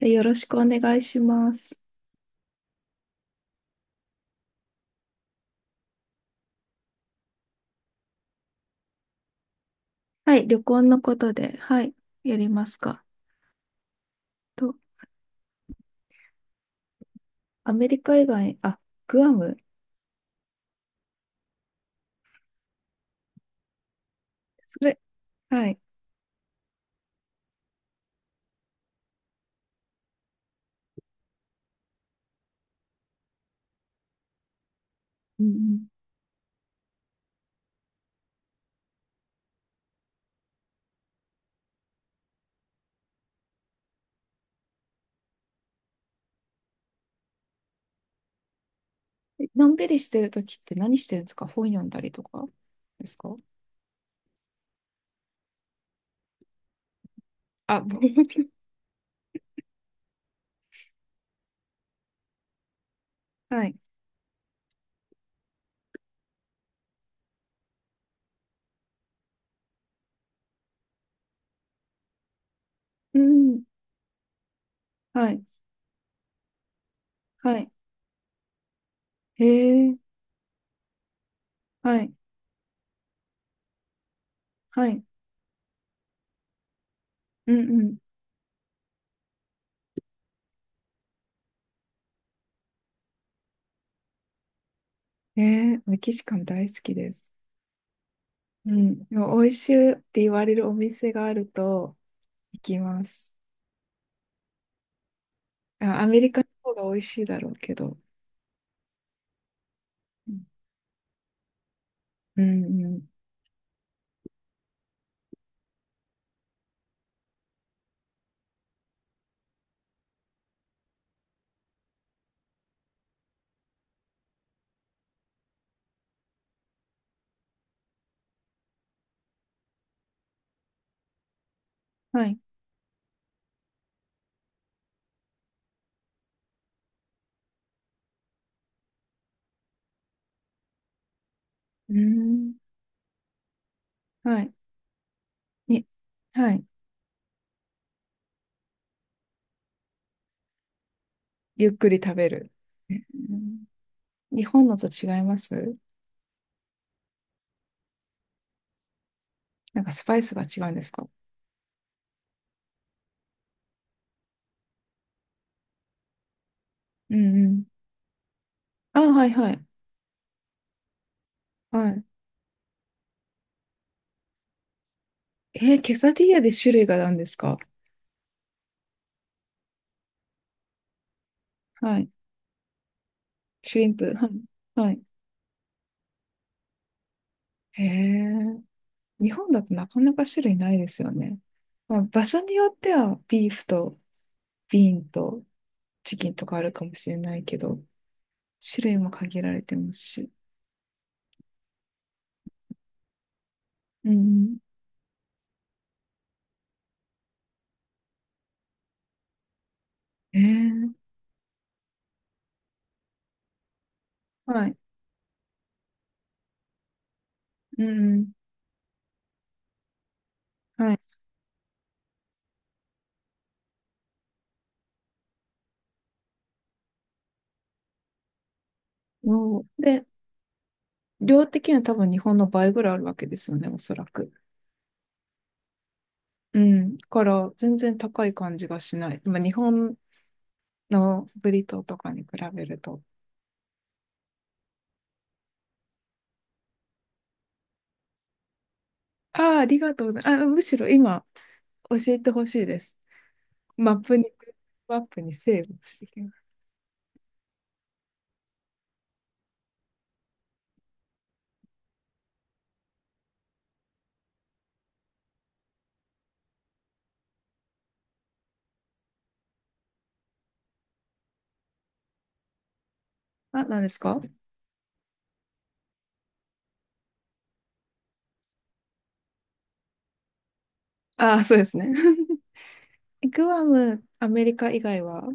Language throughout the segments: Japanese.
よろしくお願いします。はい、旅行のことで、はい、やりますか。と、アメリカ以外、あ、グアム、それ、はい。うんうん。のんびりしてるときって何してるんですか？本読んだりとかですか？あ、はい。うん。はい。はい。へえ。はい。はい。うんうん。メキシカン大好きです。うん。でも美味しいって言われるお店があると行きます。あ、アメリカの方が美味しいだろうけど。うんうん。はい。うーん。はい。に、はい。ゆっくり食べる。うん。日本のと違います？なんかスパイスが違うんですか？うんうん。あ、はいはい。はい。ケサディーヤで種類が何ですか？はい。シュリンプ。はい。はい。へえ。日本だとなかなか種類ないですよね。まあ、場所によってはビーフとビーンとチキンとかあるかもしれないけど、種類も限られてますし。うんうん。ええ。はい。うんうん。はい。もうで、量的には多分日本の倍ぐらいあるわけですよね、おそらく。うん。だから全然高い感じがしない。まあ、日本のブリトーとかに比べると。ああ、ありがとうございます。あ、むしろ今教えてほしいです。マップに、マップにセーブしてきます。あ、何ですか？ああ、そうですね。グアム、アメリカ以外は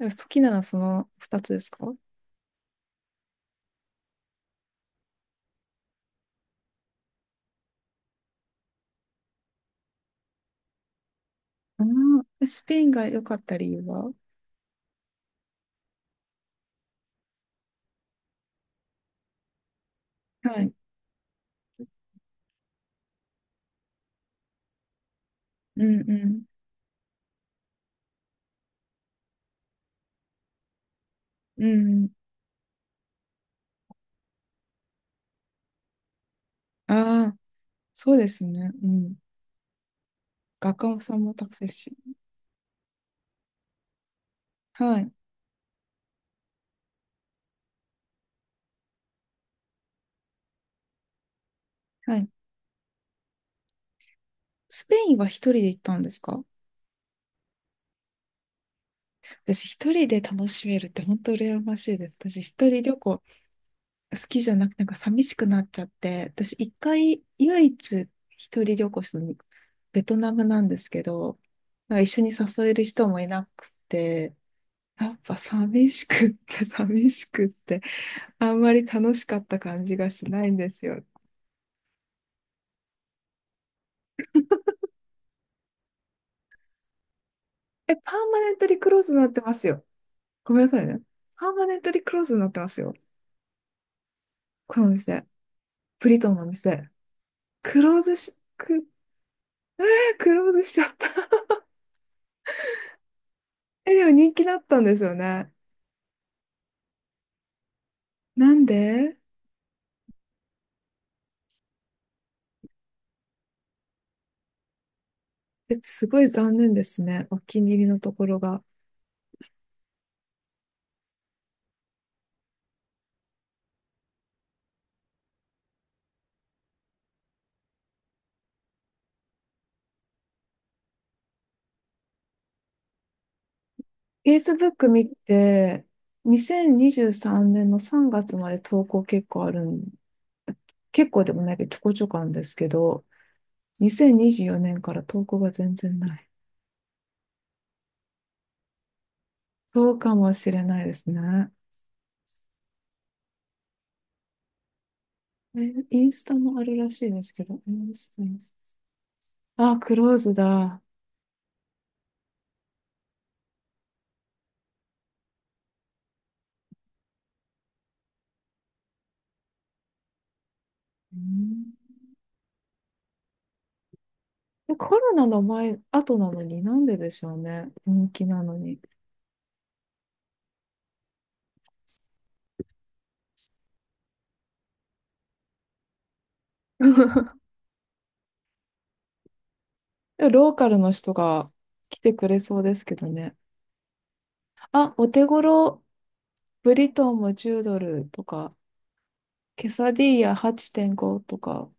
好きなのはその2つですか？うん、スペインが良かった理由は？はい。うんうん。うん。ああ、そうですね。うん。画家さんもたくさんいるし。はい。はい。スペインは一人で行ったんですか？私一人で楽しめるって本当羨ましいです。私一人旅行好きじゃなくてなんか寂しくなっちゃって、私一回唯一一人旅行したのベトナムなんですけど、なんか一緒に誘える人もいなくて、やっぱ寂しくって寂しくってあんまり楽しかった感じがしないんですよね。え、パーマネントリクローズになってますよ。ごめんなさいね。パーマネントリクローズになってますよ。このお店。ブリトンのお店。クローズし、く、クローズしちゃった。え、でも人気だったんですよね。なんで？え、すごい残念ですね。お気に入りのところが。Facebook 見て、2023年の3月まで投稿結構あるん、結構でもないけどちょこちょこあるんですけど、2024年から投稿が全然ない。そうかもしれないですね。えインスタもあるらしいですけど、インスタ。あ、クローズだ。うん。で、コロナの前、後なのになんででしょうね。人気なのに。でローカルの人が来てくれそうですけどね。あ、お手頃、ブリトーも10ドルとか、ケサディーヤ8.5とか。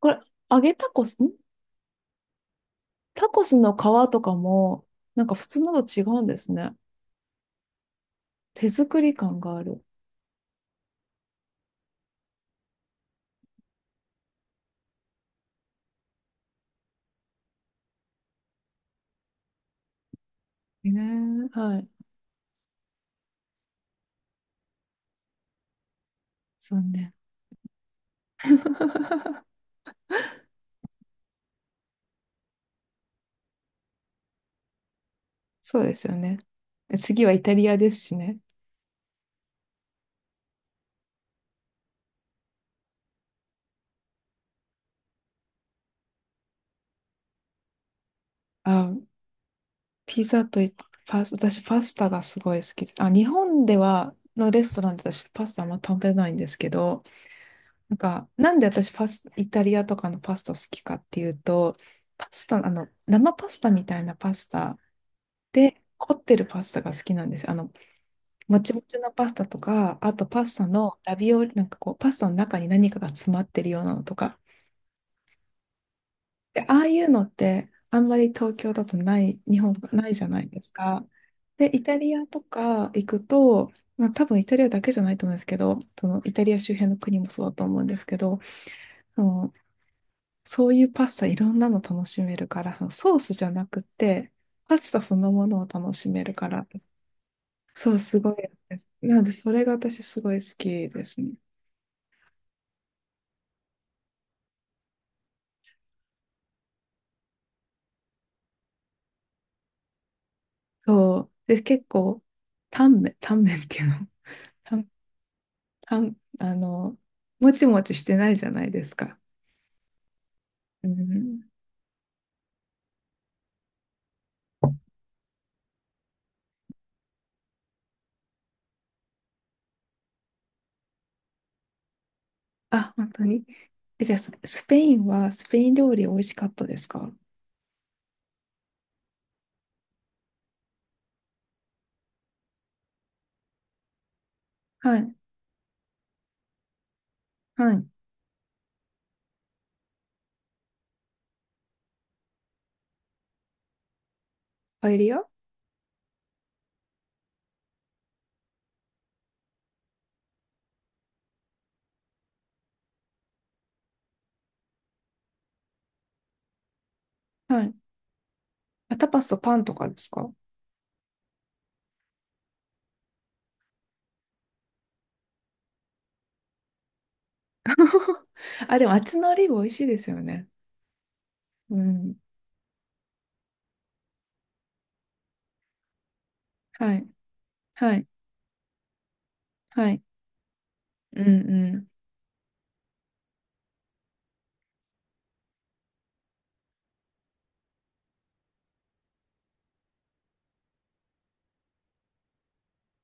これ、揚げタコス、タコスの皮とかも、なんか普通のと違うんですね。手作り感がある。ねえー、はい。残念。そうですよね。次はイタリアですしね。あ、ピザといパス、私パスタがすごい好きで。あ、日本ではのレストランで私パスタあんま食べないんですけど、なんか、なんで私イタリアとかのパスタ好きかっていうと、パスタ、生パスタみたいなパスタで、凝ってるパスタが好きなんですよ。もちもちのパスタとか、あとパスタのラビオリ、なんかこう、パスタの中に何かが詰まってるようなのとか。で、ああいうのって、あんまり東京だとない、日本がないじゃないですか。で、イタリアとか行くと、まあ、多分イタリアだけじゃないと思うんですけど、そのイタリア周辺の国もそうだと思うんですけど、そのそういうパスタいろんなの楽しめるから、そのソースじゃなくて、パスタそのものを楽しめるから、そう、すごいです。なので、それが私すごい好きですね。そう。で、結構、タンメン、タンメンっていうの、タン、タン、あの、もちもちしてないじゃないですか。うん。あ、本当に。え、じゃあ、スペイン料理美味しかったですか？はい。はい。パエリア。はい。あ、タパスとパンとかですか？ あ、でも、あっちのオリーブ美味しいですよね。うん。はい。はい。はい。うんう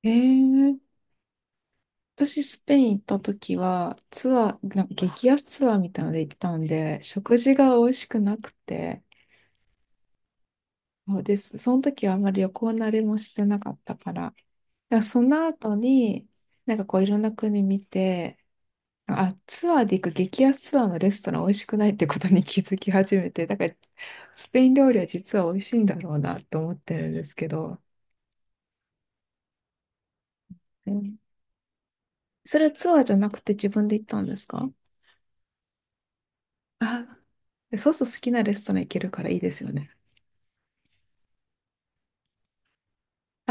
ん。へえ。私、スペイン行った時は、ツアー、なんか激安ツアーみたいなので行ったんで、食事が美味しくなくて、そうです。その時はあんまり旅行慣れもしてなかったから、だからその後に、なんかこういろんな国見て、あ、ツアーで行く激安ツアーのレストラン美味しくないってことに 気づき始めて、だからスペイン料理は実は美味しいんだろうなと思ってるんですけど、うん。それはツアーじゃなくて自分で行ったんですか？あ、そうすると好きなレストラン行けるからいいですよね。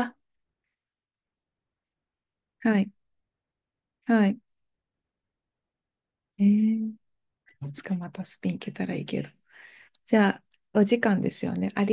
あ。はい。はい。えー、いつかまたスペイン行けたらいいけど。じゃあ、お時間ですよね。あり